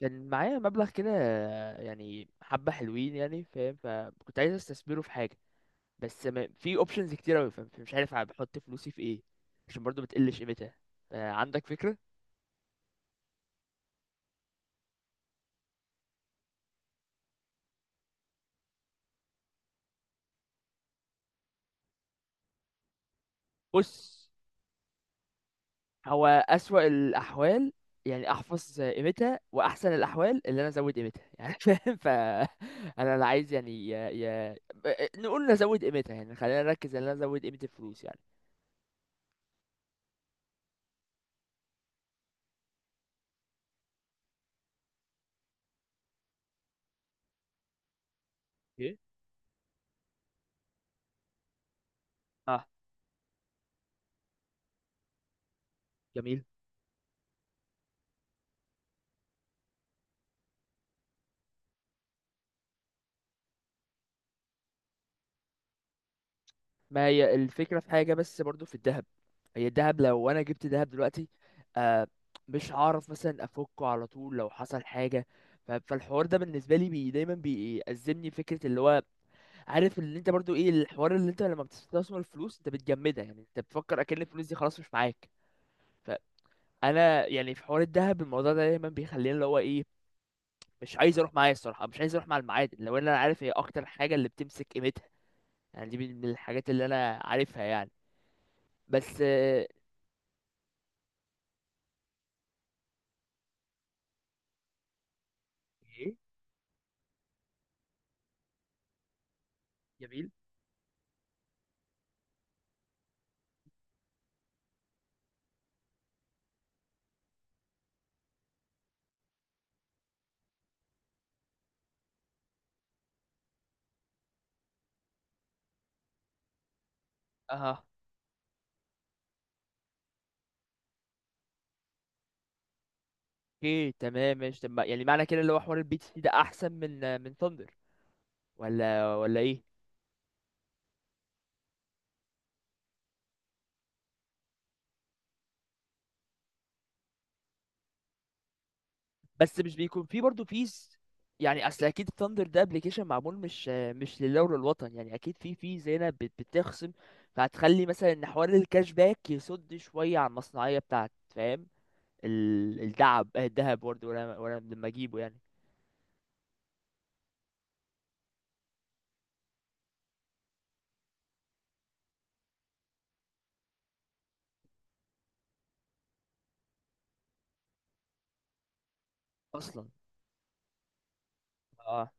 كان معايا مبلغ كده، يعني حبة حلوين، يعني فاهم، فكنت عايز استثمره في حاجة. بس ما في اوبشنز كتير اوي، فاهم، فمش عارف بحط فلوسي في ايه، عشان برضو بتقلش قيمتها. عندك فكرة؟ بص، هو أسوأ الأحوال يعني أحفظ قيمتها، وأحسن الأحوال اللي أنا أزود قيمتها يعني. فاهم، ف أنا لا عايز، يعني نقول نزود قيمتها يعني، خلينا نركز إن أنا أزود قيمة الفلوس يعني. اوكي. اه. جميل. ما هي الفكرة في حاجة، بس برضو في الذهب. هي الذهب، لو انا جبت ذهب دلوقتي، آه، مش هعرف مثلا افكه على طول لو حصل حاجة. فالحوار ده بالنسبة لي بي دايما بيأزمني فكرة، اللي هو عارف اللي انت برضو ايه الحوار، اللي انت لما بتستثمر الفلوس انت بتجمدها، يعني انت بتفكر اكن الفلوس دي خلاص مش معاك. فانا يعني في حوار الذهب، الموضوع ده دايما بيخليني اللي هو ايه، مش عايز اروح، معايا الصراحة مش عايز اروح مع المعادن، لو انا عارف هي اكتر حاجة اللي بتمسك قيمتها. يعني دي من الحاجات اللي انا عارفها، يعني. بس. ايه. جميل. اها. اوكي. تمام. ماشي. طب يعني معنى كده اللي هو حوار البي تي سي ده احسن من ثاندر، ولا ايه؟ بس مش بيكون فيه برضه فيز، يعني اصل اكيد ثاندر ده ابلكيشن معمول، مش لله وللوطن، يعني اكيد فيه فيز هنا بتخصم. فهتخلي مثلا ان حوار الكاش باك يصد شويه على المصنعيه بتاعت، فاهم. ال- الدعب الذهب برضه ولا لما اجيبه يعني؟ اصلا. اه.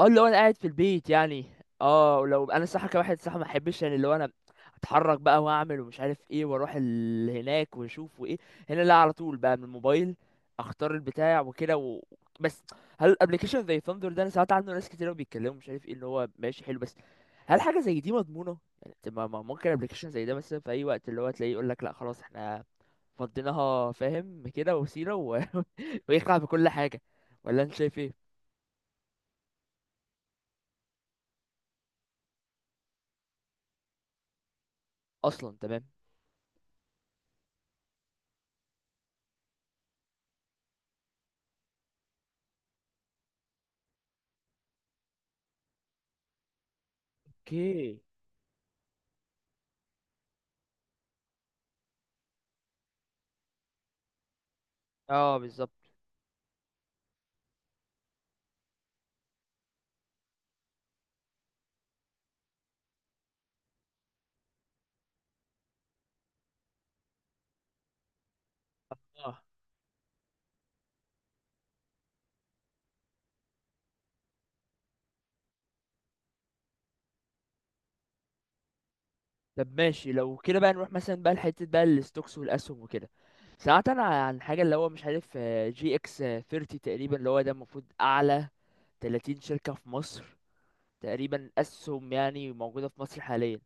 اه. اللي هو انا قاعد في البيت يعني. اه لو انا الصراحه كواحد صح، ما احبش يعني اللي هو انا اتحرك بقى واعمل ومش عارف ايه، واروح ال... هناك واشوف وايه، هنا لا، على طول بقى من الموبايل اختار البتاع وكده و... بس. هل الابلكيشن زي ثاندر ده، انا سمعت عنه ناس كتير قوي بيتكلموا مش عارف ايه، اللي هو ماشي حلو، بس هل حاجه زي دي مضمونه يعني؟ طب ما ممكن ابلكيشن زي ده مثلا في اي وقت اللي هو تلاقيه يقول لك لا خلاص، احنا فضيناها، فاهم كده، وسيله و... ويخلع بكل حاجه؟ ولا انت شايف ايه؟ اصلا. تمام. اوكي. اه بالظبط. اه. طب ماشي، لو كده بقى نروح مثلا بقى لحتة بقى الستوكس والاسهم وكده. سمعت انا عن حاجة اللي هو مش عارف، جي اكس 30 تقريبا، اللي هو ده المفروض اعلى 30 شركة في مصر تقريبا، اسهم يعني موجودة في مصر حاليا.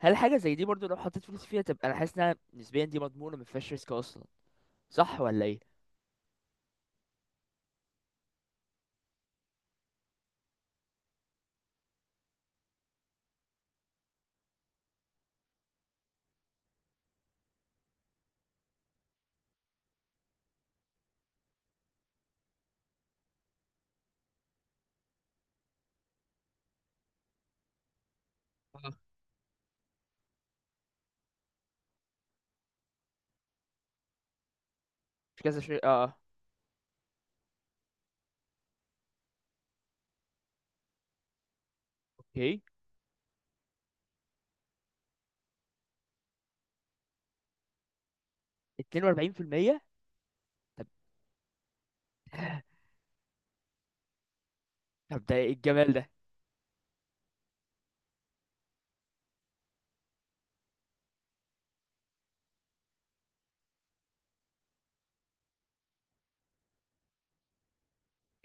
هل حاجة زي دي برضو لو حطيت فلوس فيها تبقى، انا حاسس انها نسبيا دي مضمونة، ما فيهاش ريسك اصلا؟ صح ولا ايه؟ اه. مش كذا شيء. اه. اه. اوكي. 42%؟ طب طب ده ايه الجمال ده؟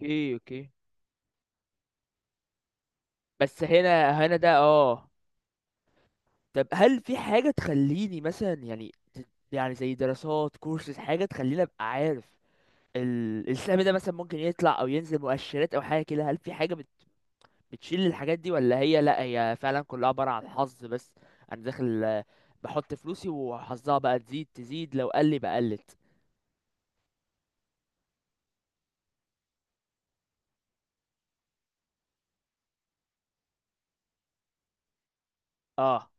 اوكي. اوكي. بس هنا ده، اه. طب هل في حاجة تخليني مثلا، يعني يعني زي دراسات، كورسز، حاجة تخليني أبقى عارف السهم ده مثلا ممكن يطلع أو ينزل، مؤشرات أو حاجة كده، هل في حاجة بتشيل الحاجات دي، ولا هي لأ، هي فعلا كلها عبارة عن حظ بس، أنا داخل بحط فلوسي وحظها بقى تزيد تزيد، لو قل بقى قلت؟ اه.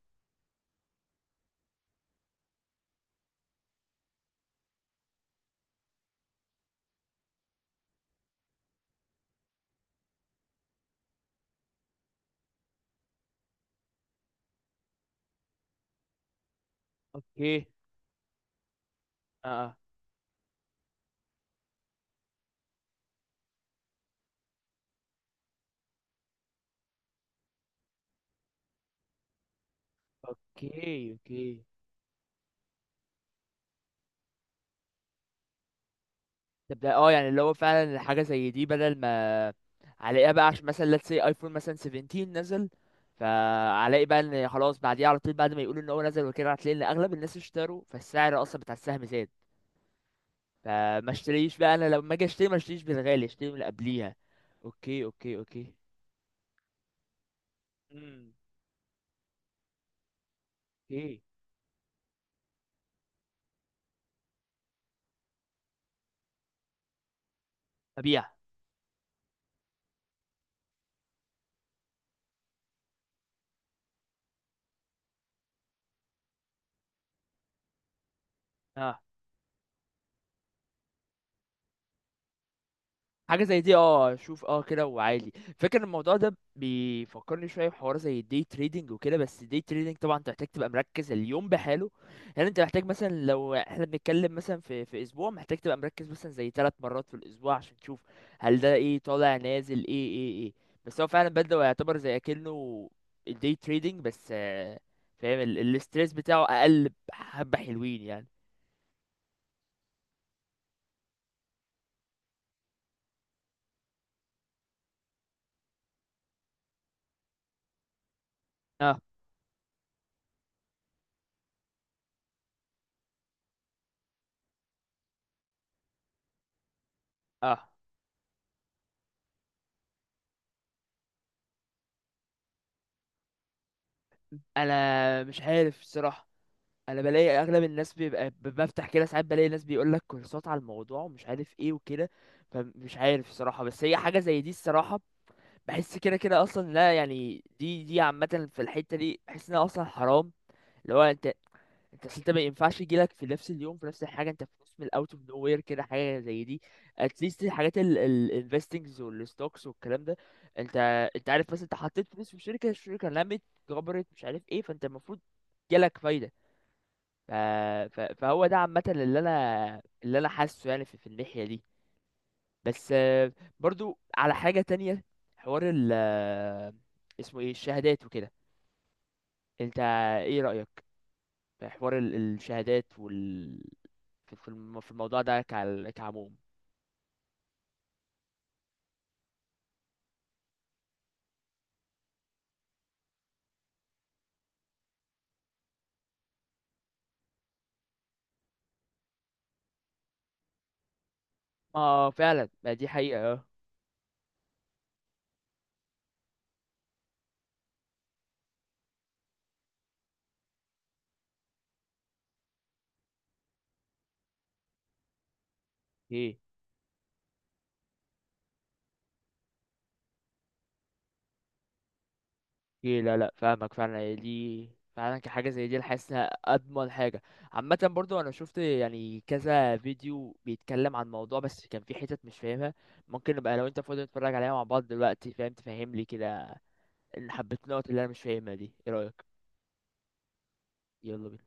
اوكي. اه. آه. اوكي. اوكي. تبدا، اه يعني اللي هو فعلا حاجه زي دي، بدل ما عليها بقى، عشان مثلا let's say ايفون مثلا 17 نزل، فعلي بقى ان خلاص بعديها على طول، بعد ما يقولوا ان هو نزل وكده، هتلاقي ان اغلب الناس اشتروا، فالسعر اصلا بتاع السهم زاد. فما اشتريش بقى، انا لما اجي اشتري ما اشتريش بالغالي، اشتري من اللي قبليها. اوكي. اوكي. اوكي. مم. اوكي. ابيع. اه. حاجه زي دي، اه. شوف، اه كده، وعالي. فاكر، الموضوع ده بيفكرني شويه بحوار زي الدي تريدنج وكده، بس الدي تريدنج طبعا انت محتاج تبقى مركز اليوم بحاله. يعني انت محتاج مثلا لو احنا بنتكلم مثلا في اسبوع، محتاج تبقى مركز مثلا زي ثلاث مرات في الاسبوع عشان تشوف هل ده ايه، طالع نازل، ايه ايه ايه. بس هو فعلا بدأ يعتبر زي اكنه الدي تريدنج بس، فاهم، الاستريس بتاعه اقل، حبه حلوين يعني. اه. اه. انا مش عارف الصراحه، انا بلاقي اغلب الناس بيبقى بفتح كده ساعات، بلاقي ناس بيقول لك كورسات على الموضوع ومش عارف ايه وكده. فمش عارف الصراحه، بس هي حاجه زي دي الصراحه، بحس كده كده اصلا لا، يعني دي عامه في الحته دي، بحس انها اصلا حرام. اللي هو انت أصل، انت ما ينفعش يجيلك في نفس اليوم في نفس الحاجه، انت في نص الاوت اوف نو وير كده حاجه زي دي. اتليست الحاجات الانفستنجز والستوكس والكلام ده، انت انت عارف، بس انت حطيت فلوس في شركه، الشركه لمت، كبرت مش عارف ايه، فانت المفروض جالك فايده. ف... فهو ده عامة اللي انا حاسه يعني في الناحية دي. بس، برضو على حاجة تانية، حوار ال اسمه ايه، الشهادات وكده، انت ايه رأيك في حوار الشهادات وال في في الم- في الموضوع ده كعموم؟ اه فعلا، ما دي حقيقة. اه. إيه، لا لا فاهمك فعلا، هي دي فعلا كحاجة زي دي، أنا حاسس إنها أضمن حاجة عامة. برضو أنا شفت يعني كذا فيديو بيتكلم عن الموضوع، بس كان في حتت مش فاهمها. ممكن نبقى لو أنت فاضي نتفرج عليها مع بعض دلوقتي، فاهم، تفهملي كده إن حبيت النقط اللي أنا مش فاهمها دي. إيه رأيك؟ يلا بينا.